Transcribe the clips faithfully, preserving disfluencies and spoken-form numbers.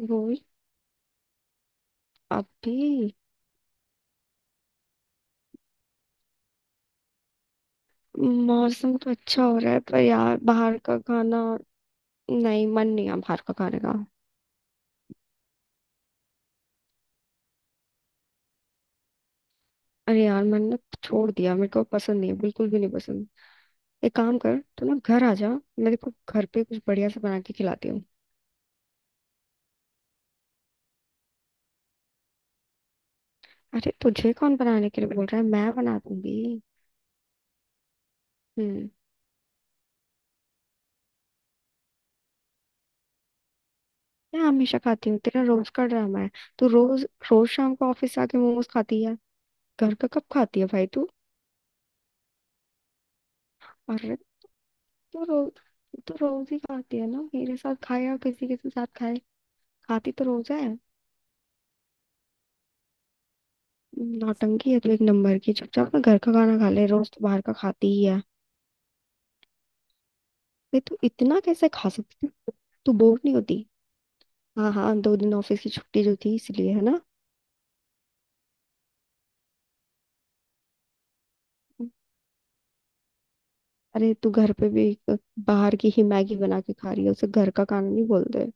वो अभी मौसम तो अच्छा हो रहा है, पर यार बाहर का खाना। नहीं, मन नहीं है बाहर का खाने का। अरे यार, मैंने छोड़ दिया। मेरे को पसंद नहीं है, बिल्कुल भी नहीं पसंद। एक काम कर, तू ना घर आ जा। मैं तेरे को घर पे कुछ बढ़िया से बना के खिलाती हूँ। अरे तुझे कौन बनाने के लिए बोल रहा है? मैं बना दूंगी। हम्म मैं हमेशा खाती हूँ? तेरा रोज का ड्रामा है। तू रोज रोज शाम को ऑफिस से आके मोमोज खाती है। घर का कब खाती है भाई तू? अरे, तू तो रोज ही खाती है ना, मेरे साथ खाए या किसी के साथ खाए। खाती तो रोज है। नौटंकी है तो एक नंबर की। चुपचाप ना घर का खाना खा ले, रोज तो बाहर का खाती ही है। भाई तू इतना कैसे खा सकती है? तू बोर नहीं होती? हाँ हाँ, दो दिन ऑफिस की छुट्टी जो थी इसलिए है ना। अरे, तू घर पे भी एक बाहर की ही मैगी बना के खा रही है, उसे घर का खाना नहीं बोलते।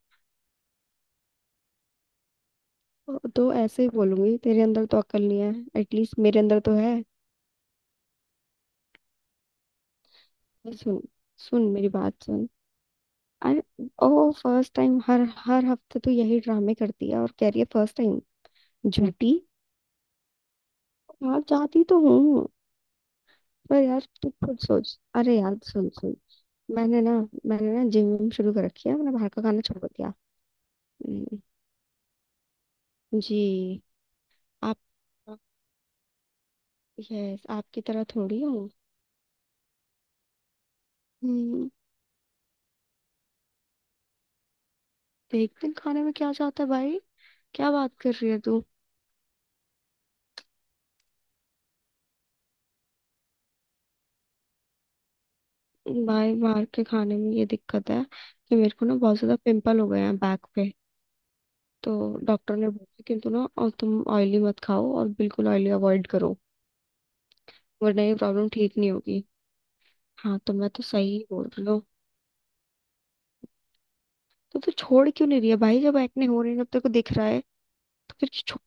तो तो ऐसे ही बोलूंगी। तेरे अंदर तो अक्ल नहीं है। एटलीस्ट मेरे अंदर तो है। सुन, सुन मेरी बात सुन। अरे ओ, फर्स्ट टाइम? हर हर हफ्ते तो यही ड्रामे करती है और कह रही है फर्स्ट टाइम। झूठी। यार जाती तो हूँ। पर यार तू खुद सोच। अरे यार, सुन सुन। मैंने ना मैंने ना जिम विम शुरू कर रखी है। मैंने बाहर का खाना छोड़ दिया। हम्म। जी। आप यस, आपकी तरह थोड़ी हूँ। हम्म, एक दिन खाने में क्या जाता है भाई? क्या बात कर रही है तू? भाई, बाहर के खाने में ये दिक्कत है कि मेरे को ना बहुत ज्यादा पिंपल हो गए हैं बैक पे। तो डॉक्टर ने बोला कि तुम ना, और तुम ऑयली मत खाओ और बिल्कुल ऑयली अवॉइड करो, वरना ये प्रॉब्लम ठीक नहीं होगी। हाँ, तो मैं तो सही ही बोल रही हूँ। तो तू छोड़ क्यों नहीं रही है भाई, जब एक्ने हो रही है, जब तेरे को दिख रहा है? तो फिर क्यों छोड़,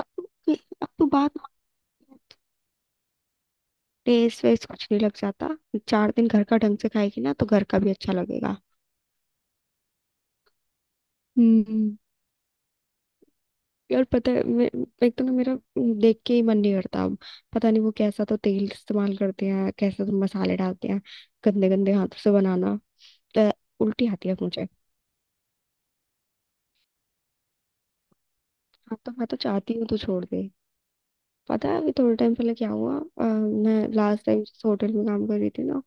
अब तू अब तू बात मान। टेस्ट वेस्ट कुछ नहीं लग जाता। चार दिन घर का ढंग से खाएगी ना, तो घर का भी अच्छा लगेगा। हम्म यार पता है, मैं, एक तो ना मेरा, देख के ही मन नहीं करता अब। पता नहीं वो कैसा तो तेल इस्तेमाल करते हैं, कैसे तो मसाले डालते हैं। गंदे गंदे हाथों से बनाना, तो उल्टी आती है अब मुझे। हाँ तो मैं तो चाहती हूँ, तो छोड़ दे। पता है अभी थोड़े टाइम पहले क्या हुआ? अ, मैं लास्ट टाइम जिस होटल में काम कर रही थी ना,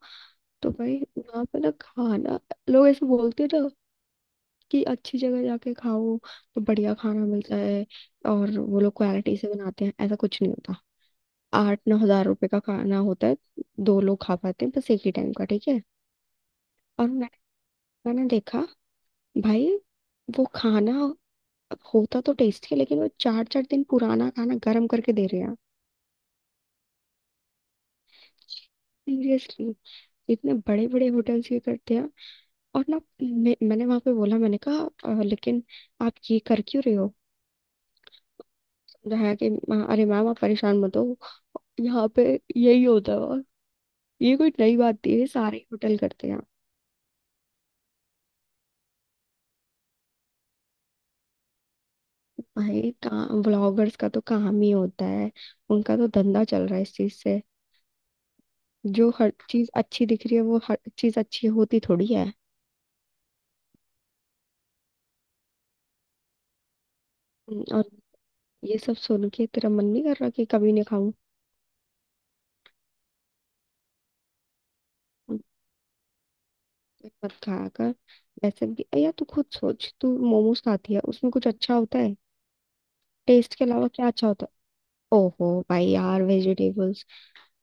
तो भाई वहाँ पे ना खाना, लोग ऐसे बोलते हैं ना कि अच्छी जगह जाके खाओ, तो बढ़िया खाना मिलता है और वो लोग क्वालिटी से बनाते हैं, ऐसा कुछ नहीं होता। आठ नौ हजार रुपए का खाना होता है। दो लोग खा पाते हैं बस, एक ही टाइम का, ठीक है। और मैं, मैंने देखा, भाई, वो खाना होता तो टेस्टी है, लेकिन वो चार चार दिन पुराना खाना गर्म करके दे रहे हैं। सीरियसली। इतने बड़े बड़े होटल्स ये करते हैं। और ना, मैं, मैंने वहां पे बोला, मैंने कहा, "अ, लेकिन आप ये कर क्यों रहे हो?" जहाँ कि "मा- अरे मैम, आप परेशान मत हो, यहाँ पे यही होता है और ये कोई नई बात नहीं है, सारे होटल करते हैं। भाई, ब्लॉगर्स का तो काम ही होता है, उनका तो धंधा चल रहा है इस चीज से। जो हर चीज अच्छी दिख रही है, वो हर चीज अच्छी होती थोड़ी है। हम्म, और ये सब सुन के तेरा मन नहीं कर रहा कि कभी नहीं खाऊं? हम्म, मत खाया कर। वैसे भी या तू खुद सोच, तू मोमोज खाती है, उसमें कुछ अच्छा होता है? टेस्ट के अलावा क्या अच्छा होता है? ओहो भाई यार, वेजिटेबल्स।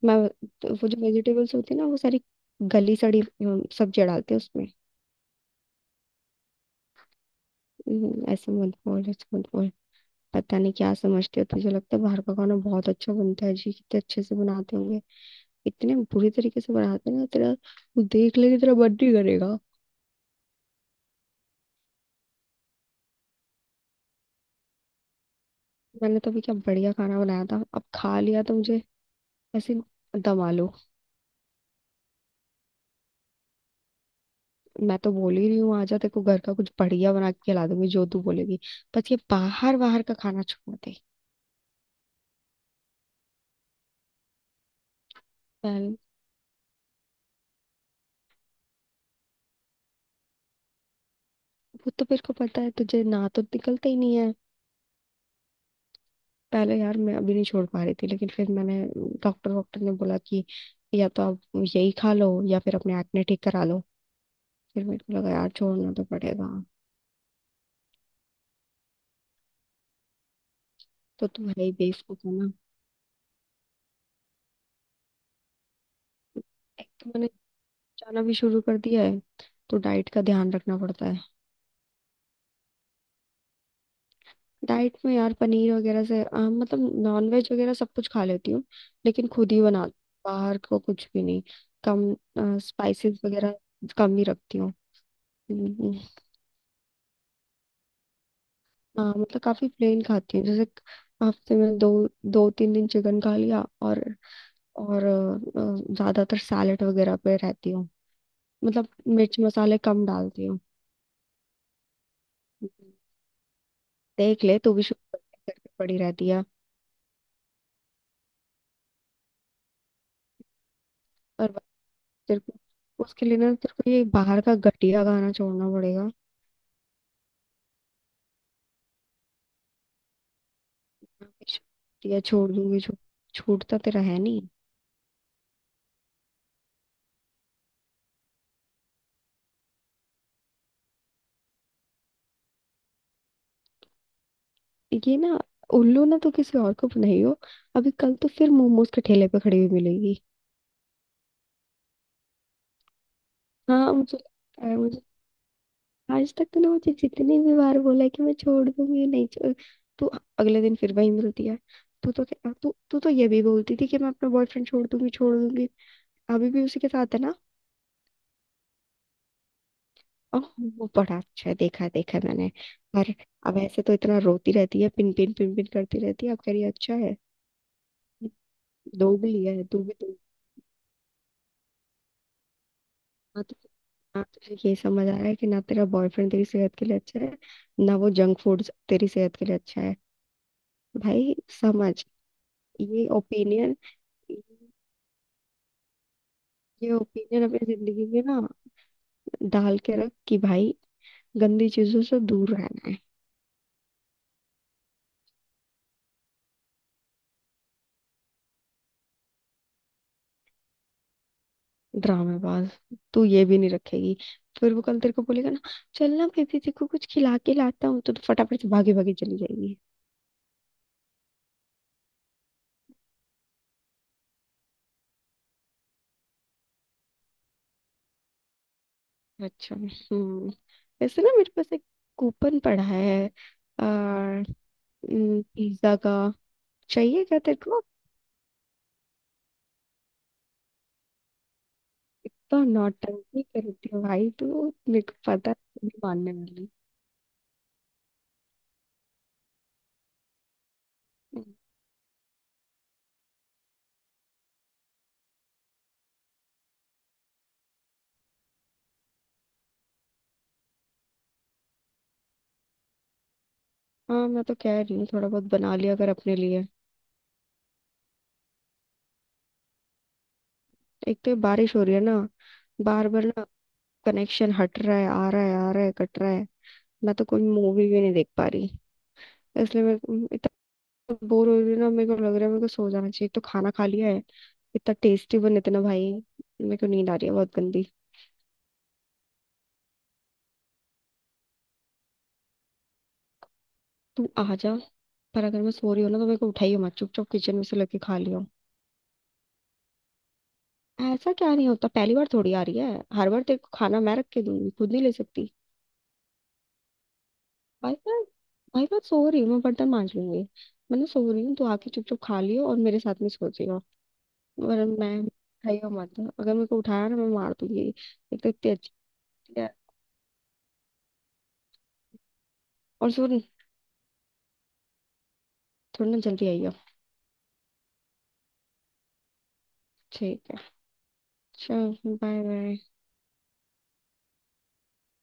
मैं, तो वो जो वेजिटेबल्स होती है ना, वो सारी गली सड़ी अम, सब्जियां डालते हैं उसमें। हम्म, ऐसे मत बोल ऐसे मत बोल। पता नहीं क्या समझते हो, तुझे लगता है बाहर का खाना बहुत अच्छा बनता है? जी, कितने अच्छे से बनाते होंगे। इतने बुरी तरीके से बनाते हैं ना, तेरा वो देख लेगी, तेरा मन नहीं करेगा। मैंने तो अभी क्या बढ़िया खाना बनाया था, अब खा लिया तो मुझे, ऐसे, दम आलू। मैं तो बोल ही रही हूँ, आजा, तेरे को घर का कुछ बढ़िया बना के खिला दूंगी जो तू बोलेगी। बस ये बाहर बाहर का खाना छोड़ दे। पहले- वो तो मेरे को पता है, तुझे ना तो निकलता ही नहीं है। पहले यार मैं अभी नहीं छोड़ पा रही थी, लेकिन फिर मैंने, डॉक्टर डॉक्टर ने बोला कि या तो आप यही खा लो, या फिर अपने एक्ने ठीक करा लो। फिर मेरे को लगा यार, छोड़ना तो पड़ेगा। तो तुम है ही बेवकूफ हो ना। एक तो मैंने जाना भी शुरू कर दिया है, तो डाइट का ध्यान रखना पड़ता है। डाइट में यार पनीर वगैरह से, अ, मतलब नॉनवेज वगैरह सब कुछ खा लेती हूँ। लेकिन खुद ही बना, बाहर को कुछ भी नहीं। कम स्पाइसेस वगैरह कम ही रखती हूँ। हाँ, मतलब काफी प्लेन खाती हूँ, जैसे हफ्ते में दो दो तीन दिन चिकन खा लिया और और अ, अ, ज्यादातर सैलेड वगैरह पे रहती हूँ। मतलब मिर्च मसाले कम डालती हूँ। देख ले, तू भी शुगर करके पड़ी रहती है और बस। तेरे को, उसके लिए ना तेरे को ये बाहर का घटिया खाना छोड़ना पड़ेगा। घटिया छोड़ दूंगी, छो, छूटता तेरा है नहीं। ये ना, उल्लू ना तो किसी और को नहीं हो। अभी कल तो फिर मोमोज के ठेले पे खड़ी हुई मिलेगी। हाँ, मुझे आज तक तूने मुझे जितनी भी बार बोला है कि मैं छोड़ दूंगी, नहीं छोड़। तू अगले दिन फिर वही मिलती है। तू तो क्या- तू तू तो ये भी बोलती थी कि मैं अपना बॉयफ्रेंड छोड़ दूंगी छोड़ दूंगी। अभी भी उसी के साथ है ना। ओह, वो बड़ा अच्छा है, देखा है देखा है मैंने। पर अब ऐसे तो इतना रोती रहती है, पिन पिन पिन पिन करती रहती है, अब कह रही है, अच्छा है। दो भी लिया है, तू भी दो। हाँ, तो ना तुझे ये समझ आ रहा है कि ना तेरा बॉयफ्रेंड तेरी सेहत के लिए अच्छा है, ना वो जंक फूड तेरी सेहत के लिए अच्छा है। भाई समझ, ये ओपिनियन ये ओपिनियन अपनी जिंदगी में ना डाल के रख कि भाई, गंदी चीजों से दूर रहना है। ड्रामेबाज, तू ये भी नहीं रखेगी। फिर वो कल तेरे को बोलेगा ना, चल ना बेबी, देखो कुछ खिला के लाता हूँ, तो, तो फटाफट से भागी भागी चली जाएगी। अच्छा। हम्म वैसे ना, मेरे पास एक कूपन पड़ा है, आ, पिज्जा का। चाहिए क्या तेरे को? तो नौटंकी करती हूँ भाई, तू मेरे को पता है तू नहीं मानने वाली। हाँ, मैं तो कह रही हूँ थोड़ा बहुत बना लिया अगर अपने लिए। एक तो ये बारिश हो रही है ना, बार बार ना कनेक्शन हट रहा है, आ रहा है, आ रहा है, कट रहा है। मैं तो कोई मूवी भी नहीं देख पा रही, इसलिए मैं म, इतना बोर हो रही हूँ ना। मेरे को लग रहा है मेरे को सो जाना चाहिए, एक तो खाना खा लिया है इतना टेस्टी बने थे ना भाई। मेरे को नींद आ रही है बहुत गंदी। तू आ जा, पर अगर मैं सो रही हूँ ना तो मेरे को उठाइयो मत, चुपचाप किचन में से लेके खा लियो। ऐसा क्या नहीं होता, पहली बार थोड़ी आ रही है? हर बार तेरे को खाना मैं रख के दूंगी, खुद नहीं ले सकती? भाई मैं भाई मैं सो रही हूँ, मैं बर्तन मांज लूंगी। मैंने सो रही हूँ, तो आके चुप चुप खा लियो और मेरे साथ में सो जियो। वरना मैं खाइयो मत, अगर मेरे को उठाया ना मैं मार दूंगी। एक तो इतनी अच्छी है। और सुन, थोड़ी ना जल्दी आइयो। ठीक है। चल, बाय बाय।